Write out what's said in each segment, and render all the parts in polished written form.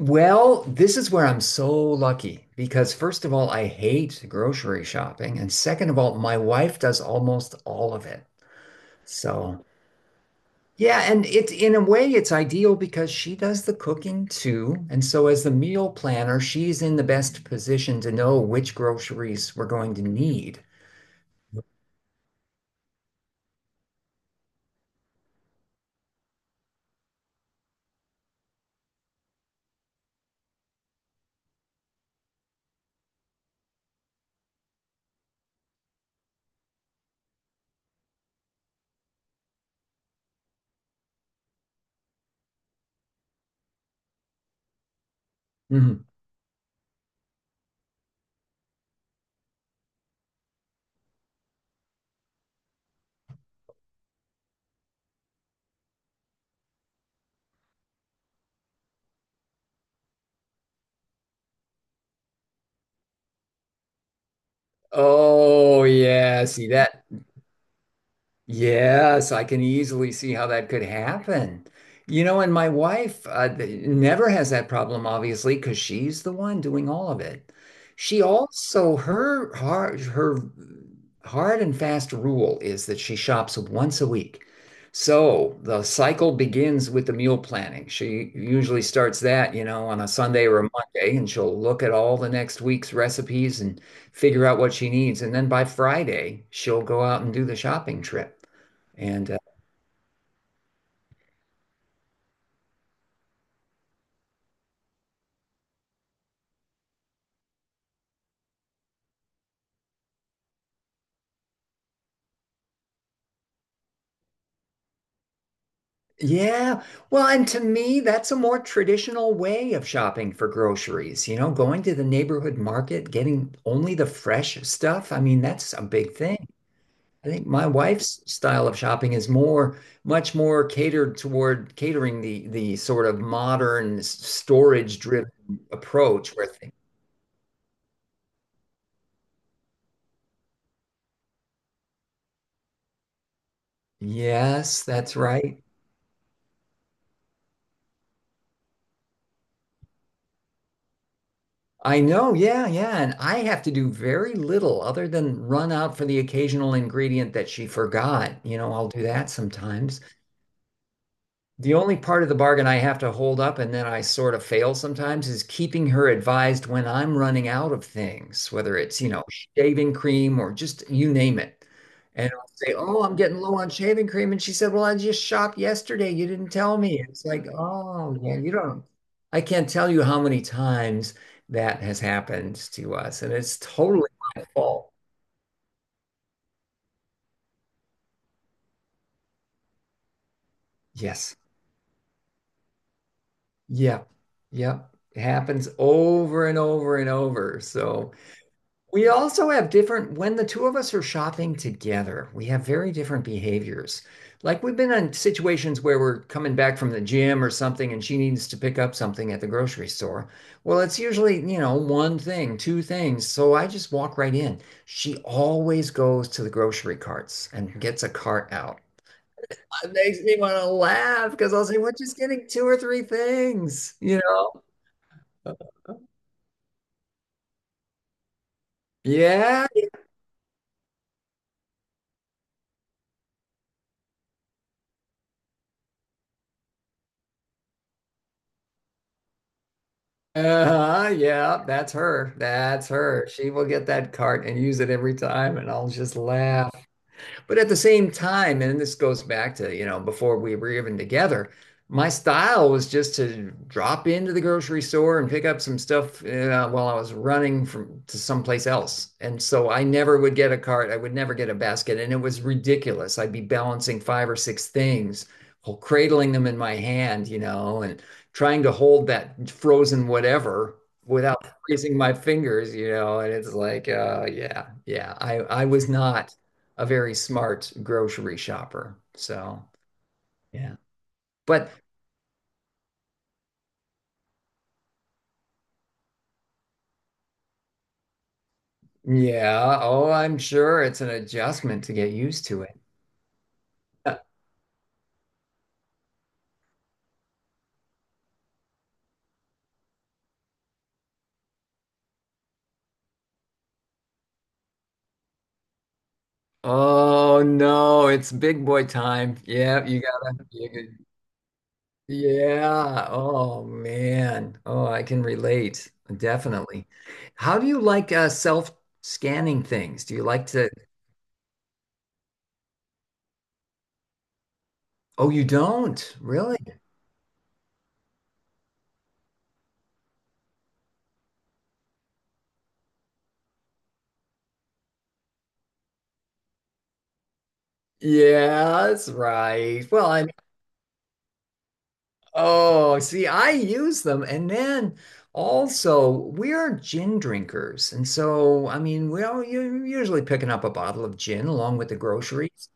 Well, this is where I'm so lucky because, first of all, I hate grocery shopping. And second of all, my wife does almost all of it. So, yeah. And it's in a way, it's ideal because she does the cooking too. And so, as the meal planner, she's in the best position to know which groceries we're going to need. Mhm. Oh, yeah. See that? Yes, I can easily see how that could happen. You know, and my wife never has that problem, obviously, because she's the one doing all of it. She also, her hard and fast rule is that she shops once a week. So the cycle begins with the meal planning. She usually starts that, you know, on a Sunday or a Monday, and she'll look at all the next week's recipes and figure out what she needs. And then by Friday, she'll go out and do the shopping trip. And yeah, well, and to me, that's a more traditional way of shopping for groceries, you know, going to the neighborhood market, getting only the fresh stuff. I mean, that's a big thing. I think my wife's style of shopping is more, much more catered toward catering the sort of modern storage driven approach where things, yes, that's right. I know, yeah, yeah. And I have to do very little other than run out for the occasional ingredient that she forgot. You know, I'll do that sometimes. The only part of the bargain I have to hold up and then I sort of fail sometimes is keeping her advised when I'm running out of things, whether it's, you know, shaving cream or just you name it. And I'll say, "Oh, I'm getting low on shaving cream." And she said, "Well, I just shopped yesterday. You didn't tell me." It's like, "Oh, yeah, you don't." I can't tell you how many times that has happened to us. And it's totally my fault. Yes. Yep. Yep. It happens over and over and over. So, we also have different, when the two of us are shopping together, we have very different behaviors. Like we've been in situations where we're coming back from the gym or something and she needs to pick up something at the grocery store. Well, it's usually, you know, one thing, two things. So I just walk right in. She always goes to the grocery carts and gets a cart out. It makes me want to laugh because I'll say, we're just getting two or three things, you know? Yeah. Uh-huh, yeah, that's her. That's her. She will get that cart and use it every time, and I'll just laugh. But at the same time, and this goes back to, you know, before we were even together, my style was just to drop into the grocery store and pick up some stuff while I was running from to someplace else. And so I never would get a cart. I would never get a basket. And it was ridiculous. I'd be balancing five or six things, while cradling them in my hand, you know, and trying to hold that frozen whatever without freezing my fingers, you know. And it's like, yeah, yeah, I was not a very smart grocery shopper. So, yeah. But yeah, oh, I'm sure it's an adjustment to get used to it. Uh, Oh no, it's big boy time. Yeah, you gotta, yeah. Oh man. Oh, I can relate. Definitely. How do you like self-scanning things? Do you like to? Oh, you don't? Really? Yeah, that's right. Well, I— oh, see, I use them. And then also, we're gin drinkers. And so, I mean, well, you're usually picking up a bottle of gin along with the groceries.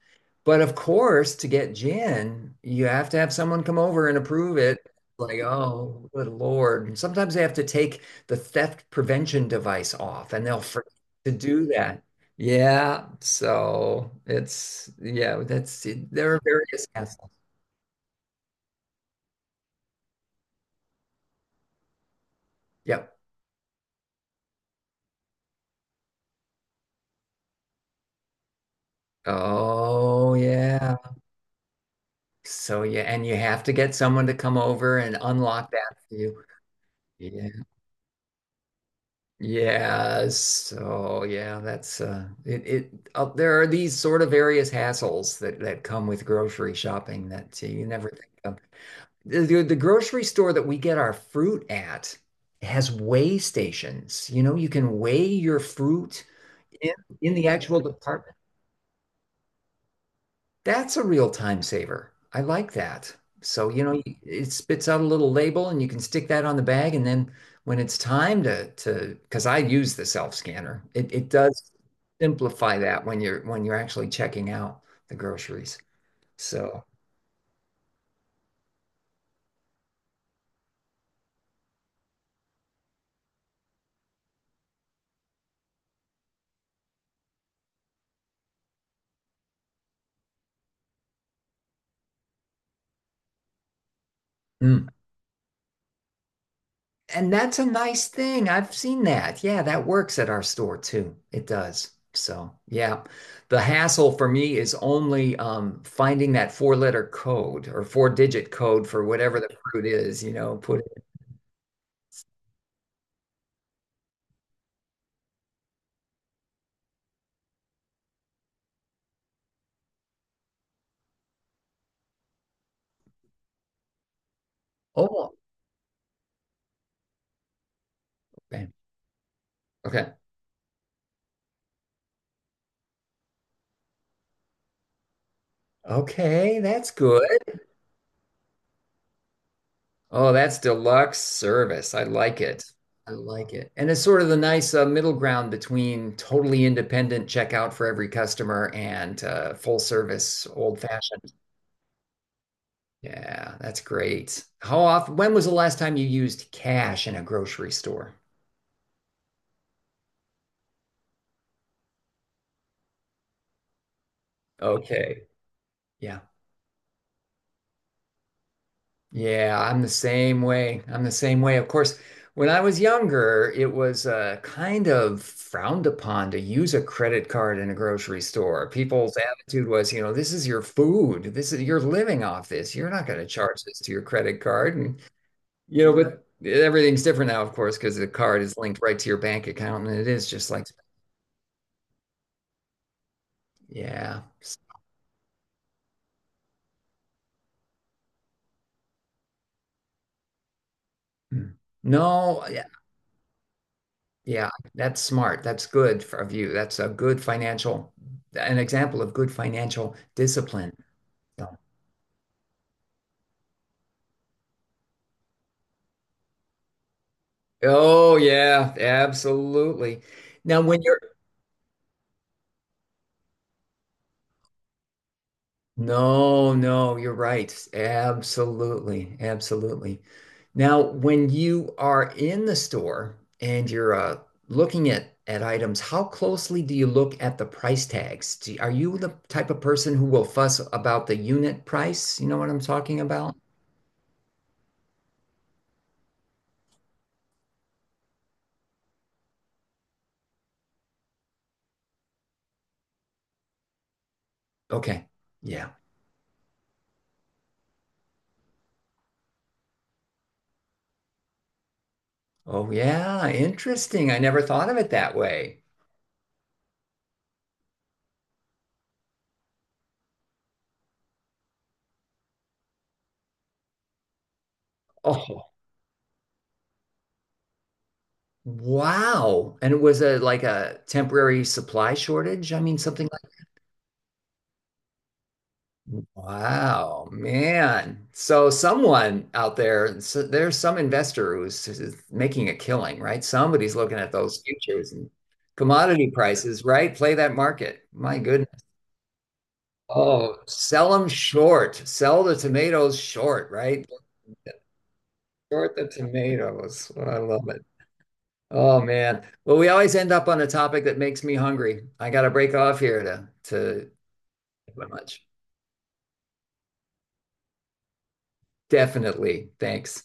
But of course, to get gin, you have to have someone come over and approve it. Like, oh, good Lord. And sometimes they have to take the theft prevention device off and they'll forget to do that. Yeah. So it's, yeah, that's, there are various hassles. Yep. Oh yeah. So yeah, and you have to get someone to come over and unlock that for you. Yeah. Yeah. So yeah, that's it it there are these sort of various hassles that that come with grocery shopping that you never think of. The grocery store that we get our fruit at has weigh stations. You know, you can weigh your fruit in in the actual department. That's a real time saver. I like that. So, you know, it spits out a little label and you can stick that on the bag. And then when it's time to, because I use the self scanner, it does simplify that when you're actually checking out the groceries. So, mm. And that's a nice thing. I've seen that. Yeah, that works at our store too. It does. So, yeah. The hassle for me is only finding that four-letter code or four-digit code for whatever the fruit is, you know, put it. Oh, okay. Okay. Okay, that's good. Oh, that's deluxe service. I like it. I like it. And it's sort of the nice middle ground between totally independent checkout for every customer and full service old fashioned. Yeah, that's great. How often, when was the last time you used cash in a grocery store? Okay. Yeah. Yeah, I'm the same way. I'm the same way. Of course, when I was younger, it was kind of frowned upon to use a credit card in a grocery store. People's attitude was, you know, this is your food. This is you're living off this. You're not going to charge this to your credit card. And you know, but everything's different now, of course, because the card is linked right to your bank account, and it is just like, yeah. Mm. No, yeah, yeah, that's smart. That's good for- of you. That's a good financial, an example of good financial discipline. So— oh yeah, absolutely. Now, when you're— no, no, you're right. Absolutely. Absolutely. Now, when you are in the store and you're looking at items, how closely do you look at the price tags? Do, are you the type of person who will fuss about the unit price? You know what I'm talking about? Okay. Yeah. Oh, yeah. Interesting. I never thought of it that way. Oh, wow. And it was a like a temporary supply shortage. I mean, something— wow, man. So someone out there, so there's some investor who's, who's making a killing, right? Somebody's looking at those futures and commodity prices, right? Play that market. My goodness. Oh, sell them short. Sell the tomatoes short, right? Short the tomatoes. I love it. Oh man. Well, we always end up on a topic that makes me hungry. I got to break off here to thank you very much. Definitely. Thanks.